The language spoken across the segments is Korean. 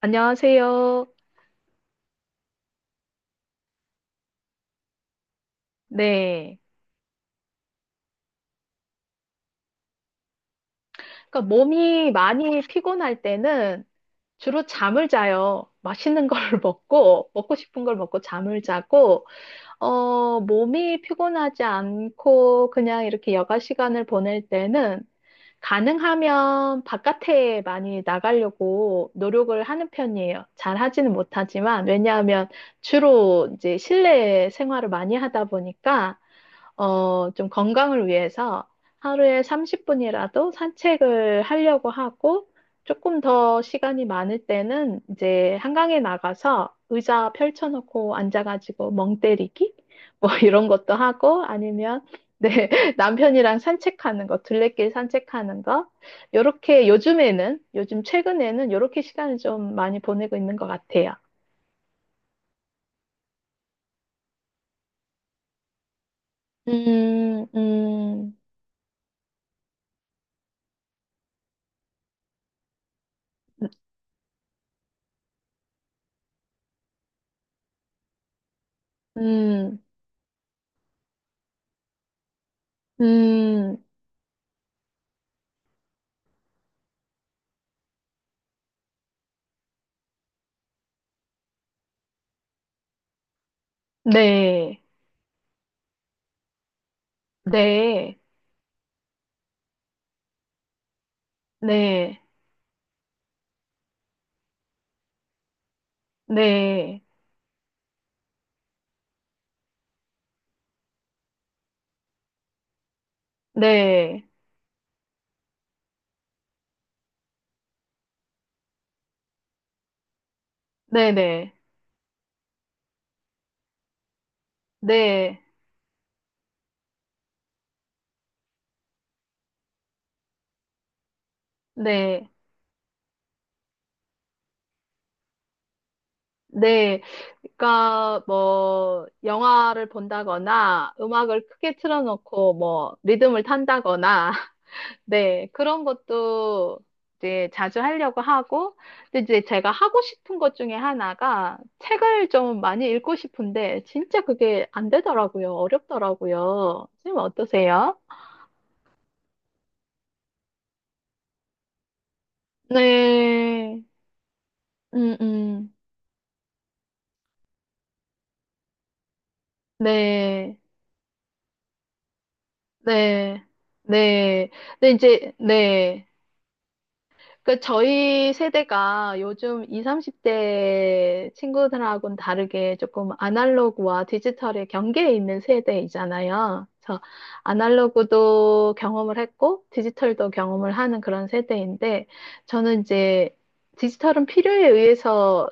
안녕하세요. 네. 그러니까 몸이 많이 피곤할 때는 주로 잠을 자요. 맛있는 걸 먹고, 먹고 싶은 걸 먹고 잠을 자고, 몸이 피곤하지 않고 그냥 이렇게 여가 시간을 보낼 때는 가능하면 바깥에 많이 나가려고 노력을 하는 편이에요. 잘 하지는 못하지만, 왜냐하면 주로 이제 실내 생활을 많이 하다 보니까 좀 건강을 위해서 하루에 30분이라도 산책을 하려고 하고, 조금 더 시간이 많을 때는 이제 한강에 나가서 의자 펼쳐놓고 앉아가지고 멍 때리기? 뭐 이런 것도 하고, 아니면 네, 남편이랑 산책하는 거, 둘레길 산책하는 거. 요렇게 요즘 최근에는 요렇게 시간을 좀 많이 보내고 있는 것 같아요. 음, 음, 음, 음, 네. 네, 네, 네, 네, 네, 네, 네, 네, 네. 그러니까 뭐 영화를 본다거나 음악을 크게 틀어놓고 뭐 리듬을 탄다거나 네, 그런 것도 이제 자주 하려고 하고, 근데 이제 제가 하고 싶은 것 중에 하나가 책을 좀 많이 읽고 싶은데 진짜 그게 안 되더라고요. 어렵더라고요. 선생님 어떠세요? 네. 음, 음. 네, 네, 네. 근데 이제, 네. 그 저희 세대가 요즘 20, 30대 친구들하고는 다르게 조금 아날로그와 디지털의 경계에 있는 세대이잖아요. 그래서 아날로그도 경험을 했고 디지털도 경험을 하는 그런 세대인데, 저는 이제 디지털은 필요에 의해서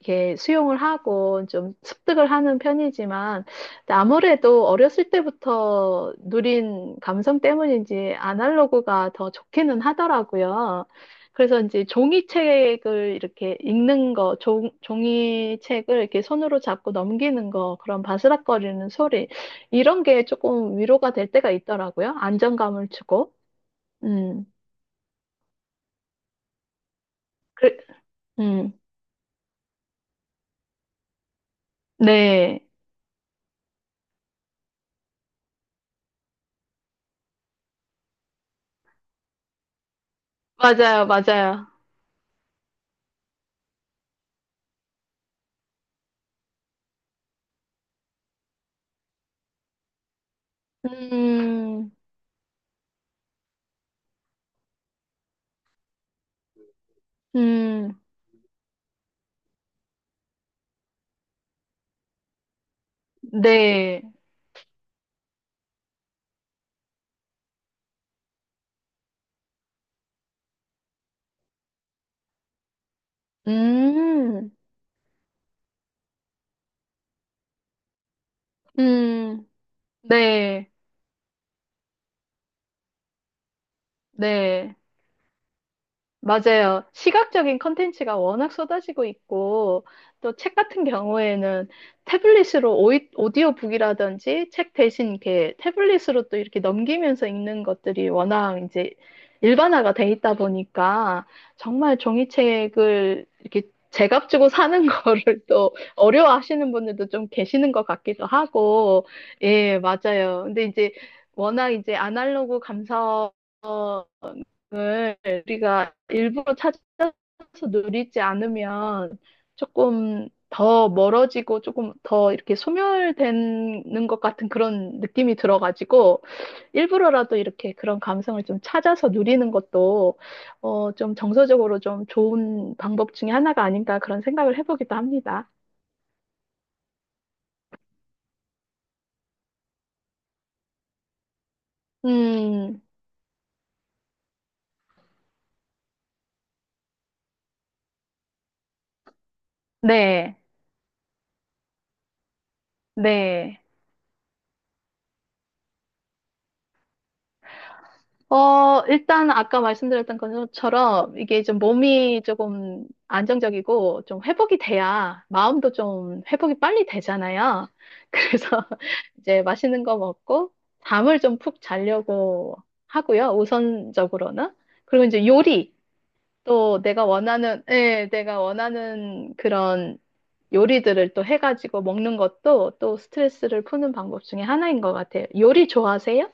이렇게 수용을 하고 좀 습득을 하는 편이지만, 근데 아무래도 어렸을 때부터 누린 감성 때문인지 아날로그가 더 좋기는 하더라고요. 그래서 이제 종이책을 이렇게 읽는 거, 종이책을 이렇게 손으로 잡고 넘기는 거, 그런 바스락거리는 소리, 이런 게 조금 위로가 될 때가 있더라고요. 안정감을 주고. 음, 그, 음, 네. 맞아요, 맞아요. 음, 음. 네. 음, 음, 네. 네. 맞아요. 시각적인 컨텐츠가 워낙 쏟아지고 있고, 또 책 같은 경우에는 태블릿으로 오디오북이라든지 책 대신 이렇게 태블릿으로 또 이렇게 넘기면서 읽는 것들이 워낙 이제 일반화가 돼 있다 보니까 정말 종이책을 이렇게 제값 주고 사는 거를 또 어려워하시는 분들도 좀 계시는 것 같기도 하고, 예, 맞아요. 근데 이제 워낙 이제 아날로그 감성 을 우리가 일부러 찾아서 누리지 않으면 조금 더 멀어지고 조금 더 이렇게 소멸되는 것 같은 그런 느낌이 들어가지고 일부러라도 이렇게 그런 감성을 좀 찾아서 누리는 것도 좀 정서적으로 좀 좋은 방법 중에 하나가 아닌가 그런 생각을 해보기도 합니다. 음, 네, 네. 일단 아까 말씀드렸던 것처럼 이게 좀 몸이 조금 안정적이고 좀 회복이 돼야 마음도 좀 회복이 빨리 되잖아요. 그래서 이제 맛있는 거 먹고 잠을 좀 푹 자려고 하고요. 우선적으로는. 그리고 이제 요리. 또 내가 원하는, 예, 내가 원하는 그런 요리들을 또 해가지고 먹는 것도 또 스트레스를 푸는 방법 중에 하나인 것 같아요. 요리 좋아하세요?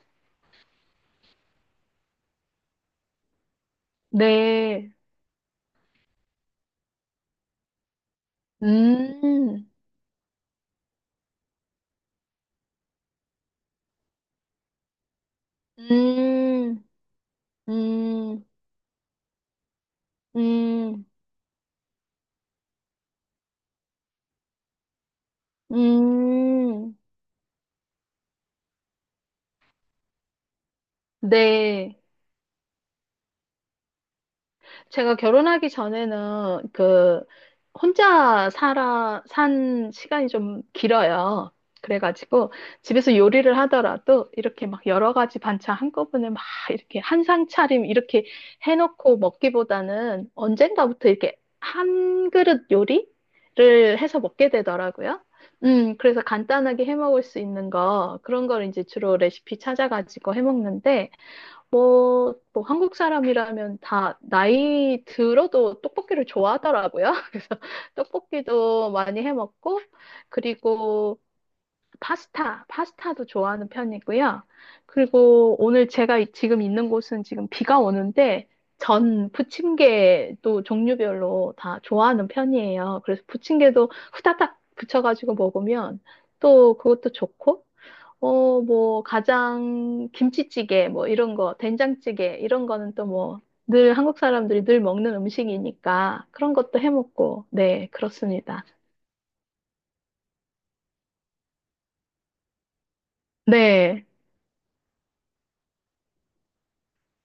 네. 음. 음, 음, 음, 음. 네. 제가 결혼하기 전에는 그 혼자 살아 산 시간이 좀 길어요. 그래가지고 집에서 요리를 하더라도 이렇게 막 여러 가지 반찬 한꺼번에 막 이렇게 한 상 차림 이렇게 해놓고 먹기보다는 언젠가부터 이렇게 한 그릇 요리를 해서 먹게 되더라고요. 그래서 간단하게 해 먹을 수 있는 거, 그런 걸 이제 주로 레시피 찾아가지고 해 먹는데, 뭐, 뭐 한국 사람이라면 다 나이 들어도 떡볶이를 좋아하더라고요. 그래서 떡볶이도 많이 해 먹고, 그리고 파스타도 좋아하는 편이고요. 그리고 오늘 제가 지금 있는 곳은 지금 비가 오는데 전 부침개도 종류별로 다 좋아하는 편이에요. 그래서 부침개도 후다닥 부쳐가지고 먹으면 또 그것도 좋고, 뭐, 가장 김치찌개 뭐 이런 거, 된장찌개 이런 거는 또 뭐 늘 한국 사람들이 늘 먹는 음식이니까 그런 것도 해 먹고, 네, 그렇습니다. 네,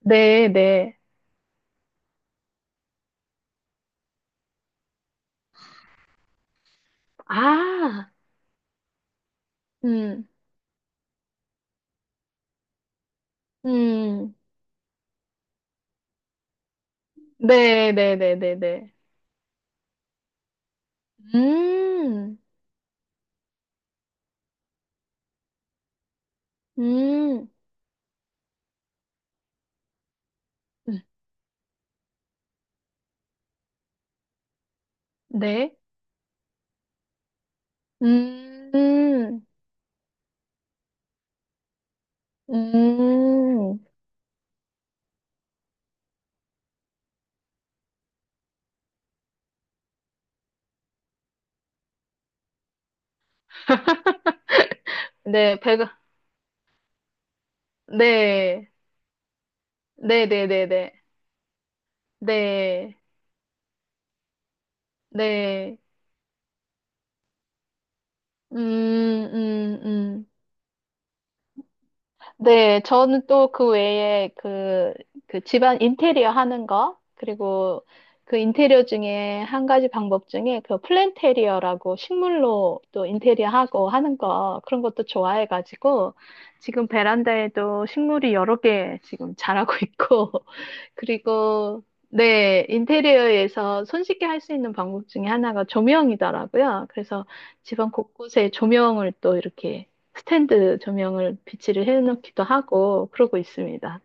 네, 네. 아. 음, 음, 네, 네, 네, 네, 네. 음, 음, 음, 네, 음, 음, 네, 배가, 네, 네, 네, 네, 네, 네, 네, 음, 음, 음. 네, 저는 또 그 외에 그, 그 집안 인테리어 하는 거, 그리고 그 인테리어 중에 한 가지 방법 중에 그 플랜테리어라고 식물로 또 인테리어 하고 하는 거, 그런 것도 좋아해가지고 지금 베란다에도 식물이 여러 개 지금 자라고 있고, 그리고 네, 인테리어에서 손쉽게 할 수 있는 방법 중에 하나가 조명이더라고요. 그래서 집안 곳곳에 조명을 또 이렇게 스탠드 조명을 비치를 해놓기도 하고 그러고 있습니다.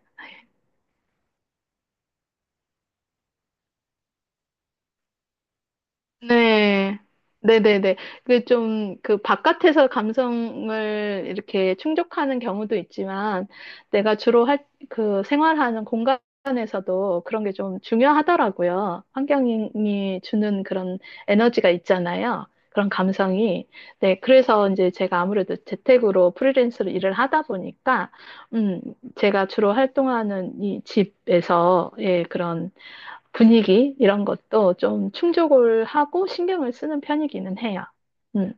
네. 네네네. 그 좀, 그 바깥에서 감성을 이렇게 충족하는 경우도 있지만, 내가 주로 할, 그 생활하는 공간에서도 그런 게 좀 중요하더라고요. 환경이 주는 그런 에너지가 있잖아요. 그런 감성이. 네. 그래서 이제 제가 아무래도 재택으로 프리랜서로 일을 하다 보니까, 음, 제가 주로 활동하는 이 집에서, 예, 그런 분위기 이런 것도 좀 충족을 하고 신경을 쓰는 편이기는 해요. 음.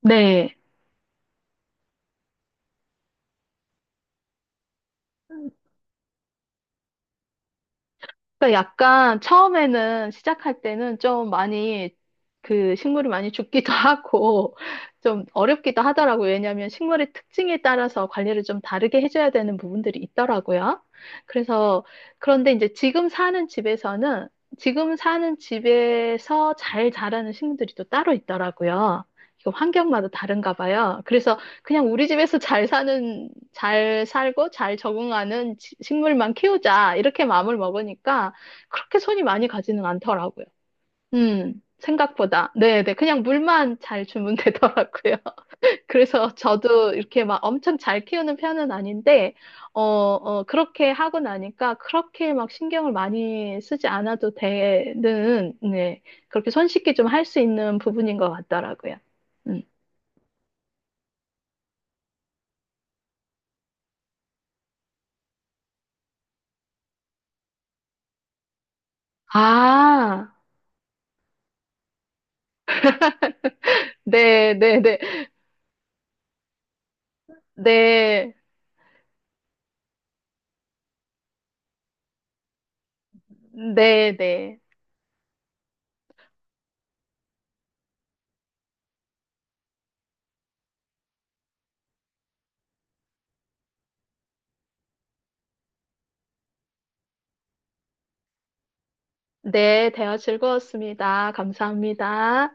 네. 그러니까 약간 처음에는 시작할 때는 좀 많이 그 식물이 많이 죽기도 하고 좀 어렵기도 하더라고요. 왜냐하면 식물의 특징에 따라서 관리를 좀 다르게 해줘야 되는 부분들이 있더라고요. 그래서 그런데 이제 지금 사는 집에서는 지금 사는 집에서 잘 자라는 식물들이 또 따로 있더라고요. 이거 환경마다 다른가 봐요. 그래서 그냥 우리 집에서 잘 사는, 잘 살고 잘 적응하는 식물만 키우자. 이렇게 마음을 먹으니까 그렇게 손이 많이 가지는 않더라고요. 생각보다. 네네. 그냥 물만 잘 주면 되더라고요. 그래서 저도 이렇게 막 엄청 잘 키우는 편은 아닌데, 그렇게 하고 나니까 그렇게 막 신경을 많이 쓰지 않아도 되는, 네. 그렇게 손쉽게 좀 할 수 있는 부분인 것 같더라고요. 음. 아, 네네 네. 네, 네 네. 네, 네, 네. 네, 대화 즐거웠습니다. 감사합니다.